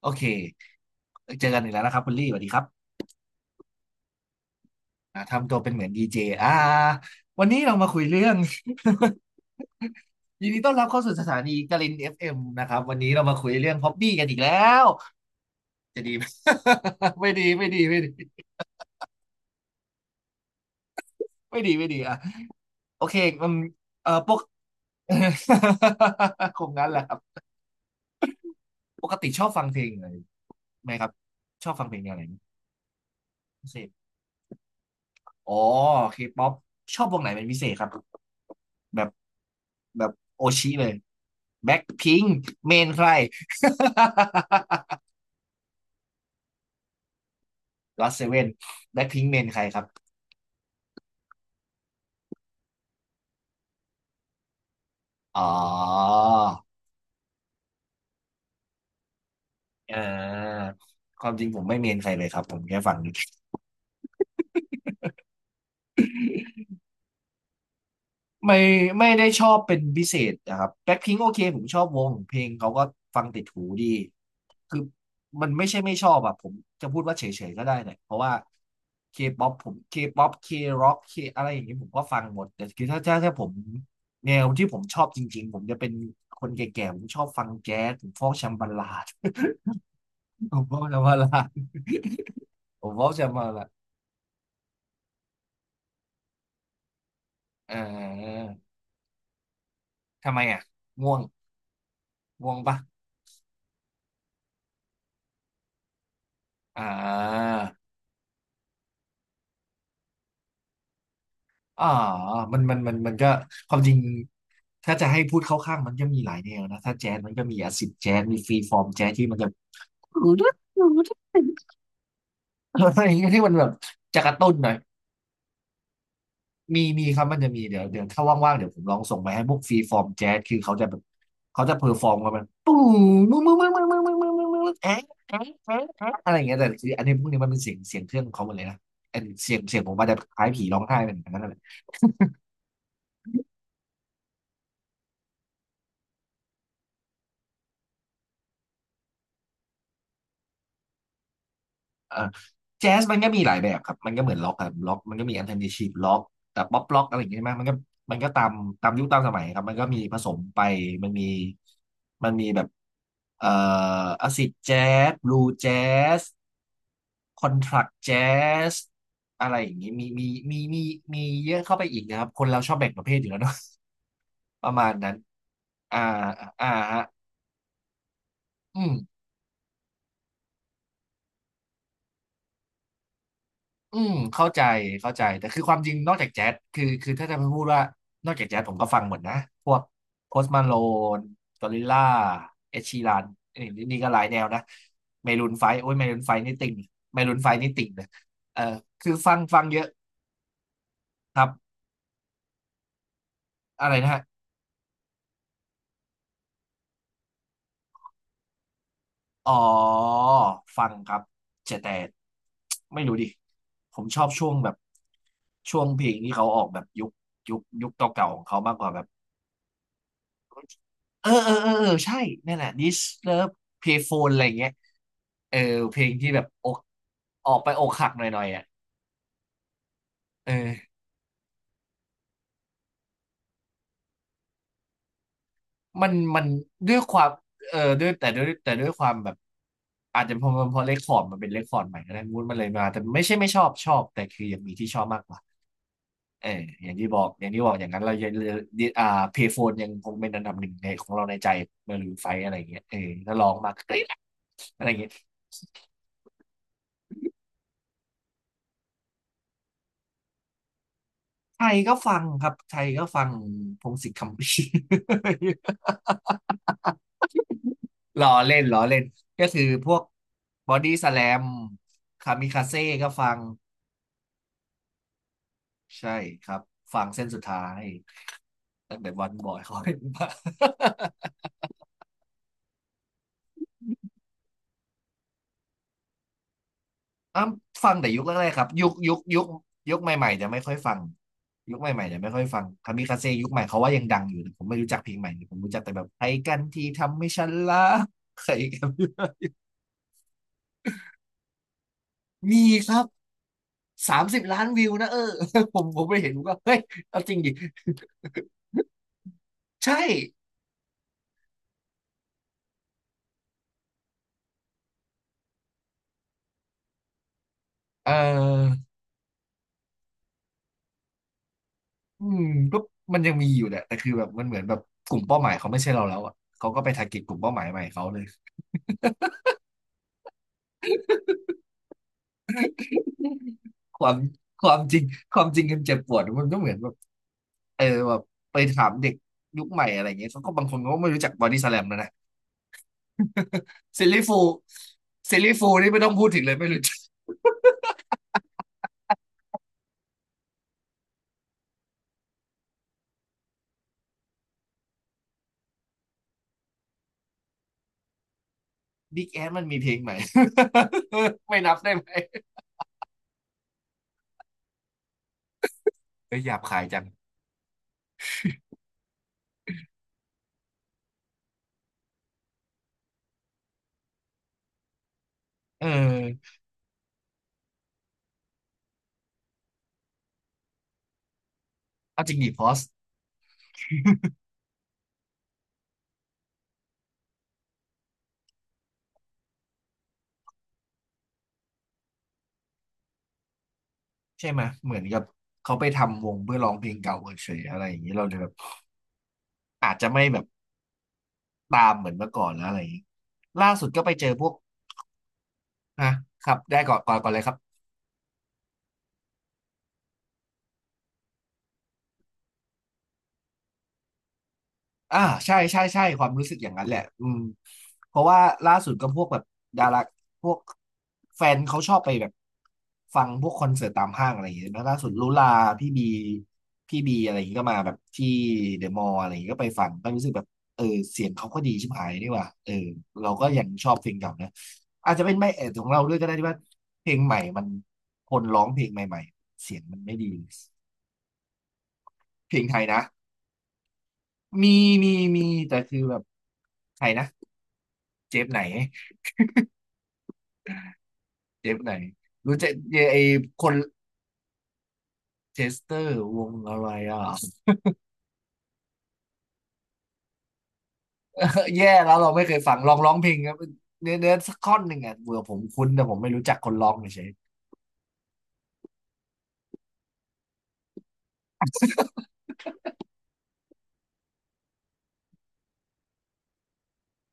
โอเคเจอกันอีกแล้วนะครับคุณลี่สวัสดีครับทำตัวเป็นเหมือนดีเจวันนี้เรามาคุยเรื่อง ยินดีต้อนรับเข้าสู่สถานีกลินเอฟเอ็มนะครับวันนี้เรามาคุยเรื่องฮ็อบบี้กันอีกแล้วจะดี ไหม ไม่ดีไม่ดีไม่ดีไม่ดีไม่ดีอ่ะโอเคมันเอ่อปก คงงั้นแหละครับปกติชอบฟังเพลงอะไรไหมครับชอบฟังเพลงแนวไหนพิเศษอ๋อเคป๊อปชอบวงไหนเป็นพิเศษครับแบบ แบบโอชิเลยแบ็คพิงเมนใคร ก็อตเซเว่นแบ็คพิง เมนใครครับอ๋ออ่าความจริงผมไม่เมนใครเลยครับผมแค่ฟัง ไม่ไม่ได้ชอบเป็นพิเศษนะครับแบ็คพิงค์โอเคผมชอบวงเพลงเขาก็ฟังติดหูดีคือมันไม่ใช่ไม่ชอบอะผมจะพูดว่าเฉยๆก็ได้เนี่ยเพราะว่าเคป๊อปผมเคป๊อปเคร็อกเคอะไรอย่างนี้ผมก็ฟังหมดแต่คือถ้าผมแนวที่ผมชอบจริงๆผมจะเป็นคนแก่ๆผมชอบฟังแจ๊สผมฟอกแชมบาลาด ผมฟอกแชมบาลาดผมฟอกแชมบาลาดเออทำไมอ่ะง่วงง่วงปะอ่า อ่ามันก็ความจริงถ้าจะให้พูดเข้าข้างมันก็มีหลายแนวนะถ้าแจ๊สมันก็มีอาซิดแจ๊สมีฟรีฟอร์มแจ๊สที่มันจะ อะไรอย่างเงี้ยที่มันแบบจะกระตุ้นหน่อยมีครับมันจะมีเดี๋ยวถ้าว่างๆเดี๋ยวผมลองส่งไปให้พวกฟรีฟอร์มแจ๊สคือเขาจะแบบเขาจะเพอร์ฟอร์มกัน มันปุ้มมึงมึงมึงมึงมึงมึงมึงมึงมึงแอ๊ะแอ๊ะแอ๊ะแอ๊ะอะไรอย่างเงี้ยแต่คืออันนี้พวกนี้มันเป็นเสียงเสียงเครื่องของเขาหมดเลยนะอันเสียงเสียงผมอาจจะคล้ายผีร้องไห้เหมือนกันนั่นแหละ เอ่อแจ๊สมันก็มีหลายแบบครับ มันก็เหมือนล็อกครับล็อกมันก็มีอันเทอร์ i นทีฟล็อกแต่ป๊อปล็อกอะไรอย่างเงี้ยใช่ไหมมันก็ตามตามยุคตามสมัยครับ มันก็มีผสมไป มันมีมันมีแบบเอ่ออาซิดแจ๊สบลูแจ๊สคอนทรักแจ๊สอะไรอย่างงี้มีมีมีเยอะเข้าไปอีกนะครับ คนเราชอบแบ่งประเภทอยู่แล้วเนาะ ประมาณนั้นอ่าอ่าฮะอืม อืมเข้าใจเข้าใจแต่คือความจริงนอกจากแจ๊สคือถ้าจะพูดว่านอกจากแจ๊สผมก็ฟังหมดนะพวกโพสต์มาโลนกอริลล่าเอชีรันนี่ก็หลายแนวนะเมรูนไฟโอ้ยเมรูนไฟนี่ติ่งเมรูนไฟนี่ติ่งเลยเออคือฟังเยอะครับอะไรนะฮะอ๋อฟังครับแต่ไม่รู้ดิผมชอบช่วงแบบช่วงเพลงที่เขาออกแบบยุคยุคเก่าๆของเขามากกว่าแบบ เออใช่นั่นแหละ This Love Payphone อะไรอย่างเงี้ยเออเพลงที่แบบอกออกไปอกหักหน่อยๆออ่ะเออมันมันด้วยความเออด้วยความแบบอาจจะเพราะเลคคอร์ดมันเป็นเลคคอร์ดใหม่ก็ได้มูดมันเลยมาแต่ไม่ใช่ไม่ชอบชอบแต่คือยังมีที่ชอบมากกว่าเอออย่างที่บอกอย่างนั้นเรายังอ่าเพย์โฟนยังคงเป็นอันดับหนึ่งในของเราในใจมารูนไฟอะไรอย่างเงี้ยเออถ้าลองมาก็ได้นะอะไรอย่างเงี้ย ไทยก็ฟังพงษ์สิทธิ์คำภีร์ ล้อเล่นก็คือพวกบอดี้สแลมคามิคาเซ่ก็ฟังใช่ครับฟังเส้นสุดท้ายตั้งแต่วันบอย เขาเป็นมา อ้ำฟังแต่ยุคแรกๆครับยุคยุคใหม่ๆจะไม่ค่อยฟังยุคใหม่ๆจะไม่ค่อยฟังคามิคาเซ่ยุคใหม่เขาว่ายังดังอยู่แต่ผมไม่รู้จักเพลงใหม่ผมรู้จักแต่แบบใค้กันที่ทำให้ฉันรักใครกัน มีครับ 30 ล้านวิวนะเออ ผมไปเห็นผมก็เฮ้ยเอาจริงดิ ใช่เอออืมก็มันยังมีอยู่แหละแต่คือแบบมันเหมือนแบบกลุ่มเป้าหมายเขาไม่ใช่เราแล้วอ่ะเขาก็ไปทาร์เก็ตกลุ่มเป้าหมายใหม่เขาเลยความความจริงความจริงมันเจ็บปวดมันก็เหมือนแบบเออแบบไปถามเด็กยุคใหม่อะไรเงี้ยเขาก็บางคนก็ไม่รู้จักบอดี้สแลมแล้วนะซิลลี่ฟูลซิลลี่ฟูลนี่ไม่ต้องพูดถึงเลยไม่รู้จักบิ๊กแอมันมีเพลงใหม่ ไม่นับได้ไหมเออหยาบคายจังเออ เอาจริงดิพอสใช่ไหมเหมือนกับเขาไปทำวงเพื่อร้องเพลงเก่าเฉยๆอะไรอย่างนี้เราเลยแบบอาจจะไม่แบบตามเหมือนเมื่อก่อนแล้วอะไรอย่างนี้ล่าสุดก็ไปเจอพวกนะครับได้ก่อนก่อนก่อนเลยครับ อ่าใช่ใช่ใช่ความรู้สึกอย่างนั้นแหละอืมเพราะว่าล่าสุดก็พวกแบบดาราพวกแฟนเขาชอบไปแบบฟังพวกคอนเสิร์ตตามห้างอะไรอย่างเงี้ยแล้วล่าสุดลุลาพี่บีพี่บีอะไรอย่างเงี้ยก็มาแบบที่เดอะมอลล์อะไรอย่างเงี้ยก็ไปฟังก็รู้สึกแบบเออเสียงเขาก็ดีชิบหายนี่หว่าเออเราก็ยังชอบเพลงเก่านะอาจจะเป็นไม่เอดของเราด้วยก็ได้ที่ว่าเพลงใหม่มันคนร้องเพลงใหม่ๆเสียงมันไม่ดีเพลงไทยนะมีมีมีแต่คือแบบใครนะ เจฟไหนเจฟไหนรู้จักยไอคนเชสเตอร์วงอะไรอ่ะ แย่แล้วเราไม่เคยฟังลองร้องเพลงครับเนื้อสักท่อนหนึ่งอ่ะเบื่อผมคุ้นแต่ผมไม่รู้จักคนร้องเฉย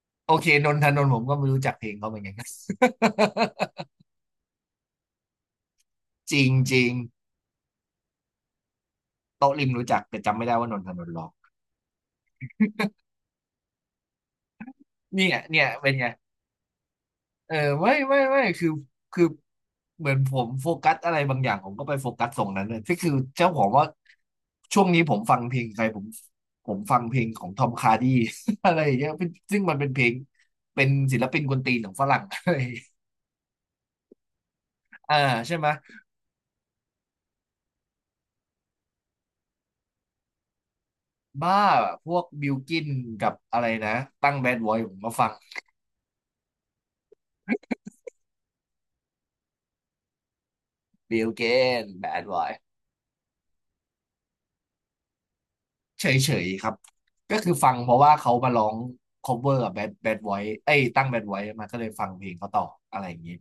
ๆโอเคนนทนนท์ผมก็ไม่รู้จักเพลงเขาเหมือนกัน จริงจริงโต๊ะริมรู้จักแต่จำไม่ได้ว่านนทนนท์ร้องเนี่ยเนี่ยเป็นไง เออไม่ไม่ไม่คือเหมือนผมโฟกัสอะไรบางอย่างผมก็ไปโฟกัสตรงนั้นเลยที่คือเจ้าของว่าช่วงนี้ผมฟังเพลงใครผมฟังเพลงของทอมคาร์ดี้ อะไรอย่างเงี้ยเป็นซึ่งมันเป็นเพลงเป็นศิลปินกวนตีนของฝรั่ง อะไรอย่างเงี้ยอ่าใช่ไหมบ้าพวกบิลกินกับอะไรนะตั้งแบดบอยผมก็ฟังบิลกินแบดบอย เฉยๆครับก็คือฟังเพราะว่าเขามาร้อง cover กับ Bad Bad Boy เอ้ยตั้ง Bad Boy มาก็เลยฟังเพลงเขาต่ออะไรอย่างงี้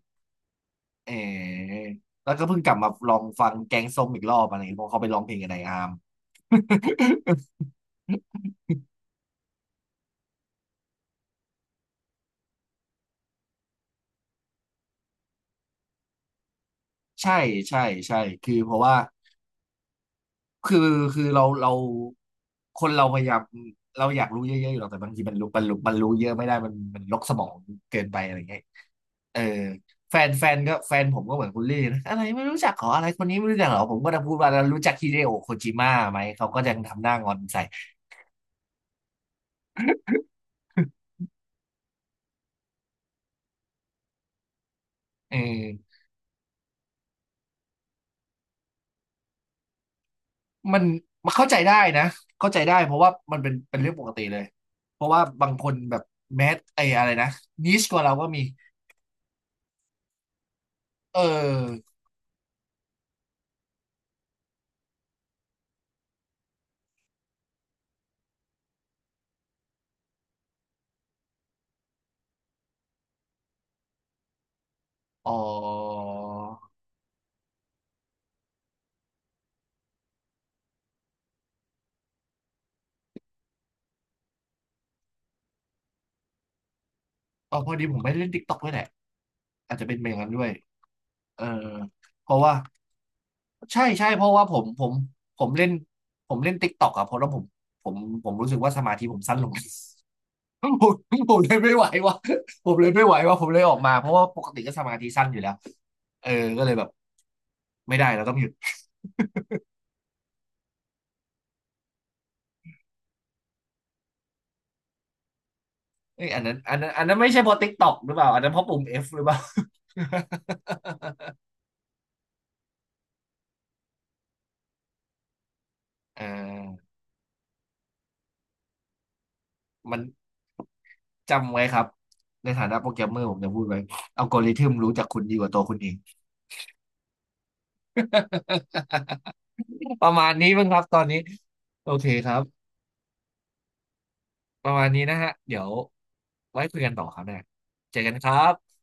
เออแล้วก็เพิ่งกลับมาลองฟังแกงส้มอีกรอบอะไรอย่างเงี้ยเพราะเขาไปร้องเพลงกับนายอาร์ม ใช่ใช่ใช่คือเพราะว่า คือเราคนเราพยายามเราอยากรู้เยอะๆอยู่หรอกแต่บางทีมันรู้เยอะไม่ได้มันลกสมองเกินไปอะไรเงี้ยเออแฟนผมก็เหมือนคุณลี่นะอะไรไม่รู้จักขออะไรคนนี้ไม่รู้จักเหรอผมก็จะพูดว่ารู้จักฮิเดโอะโคจิมะไหมเขาก็ยังทำหน้างอนใส่ เออมันมันเข้าใจได้นะเข้าใจได้เพราะว่ามันเป็นเรื่องปกติเลยเพราะว่าบางคนแบบแมสไออะไรนะนิชกว่าเราก็มีเอออ๋อพอดีผมไม่ได้เล่นติ๊กต็อกด้วยแหละอาจจะเป็นอย่างนั้นด้วยเออเพราะว่าใช่ใช่เพราะว่าผมเล่นเล่นติ๊กต็อกอะเพราะว่าผมผมรู้สึกว่าสมาธิผมสั้นลง ผมผมเลยไม่ไหวว่ะผมเลยไม่ไหวว่ะผมเลยออกมาเพราะว่าปกติก็สมาธิสั้นอยู่แล้วเออก็เลยแบบไม่ได้เราต้องหยุดเอ้ยอันนั้นไม่ใช่เพราะติ๊กต็อกหรือเปล่าอันนั้นเพราะปุ่ม F หรือเปล่า เออมันจำไว้ครับในฐานะโปรแกรมเมอร์ผมจะพูดไว้อัลกอริทึมรู้จักคุณดีกว่าตัวคุณเอง ประมาณนี้มั้งครับตอนนี้โอเคครับประมาณนี้นะฮะเดี๋ยวไว้คุยกันต่อครับเนี่ยเจอกันครับ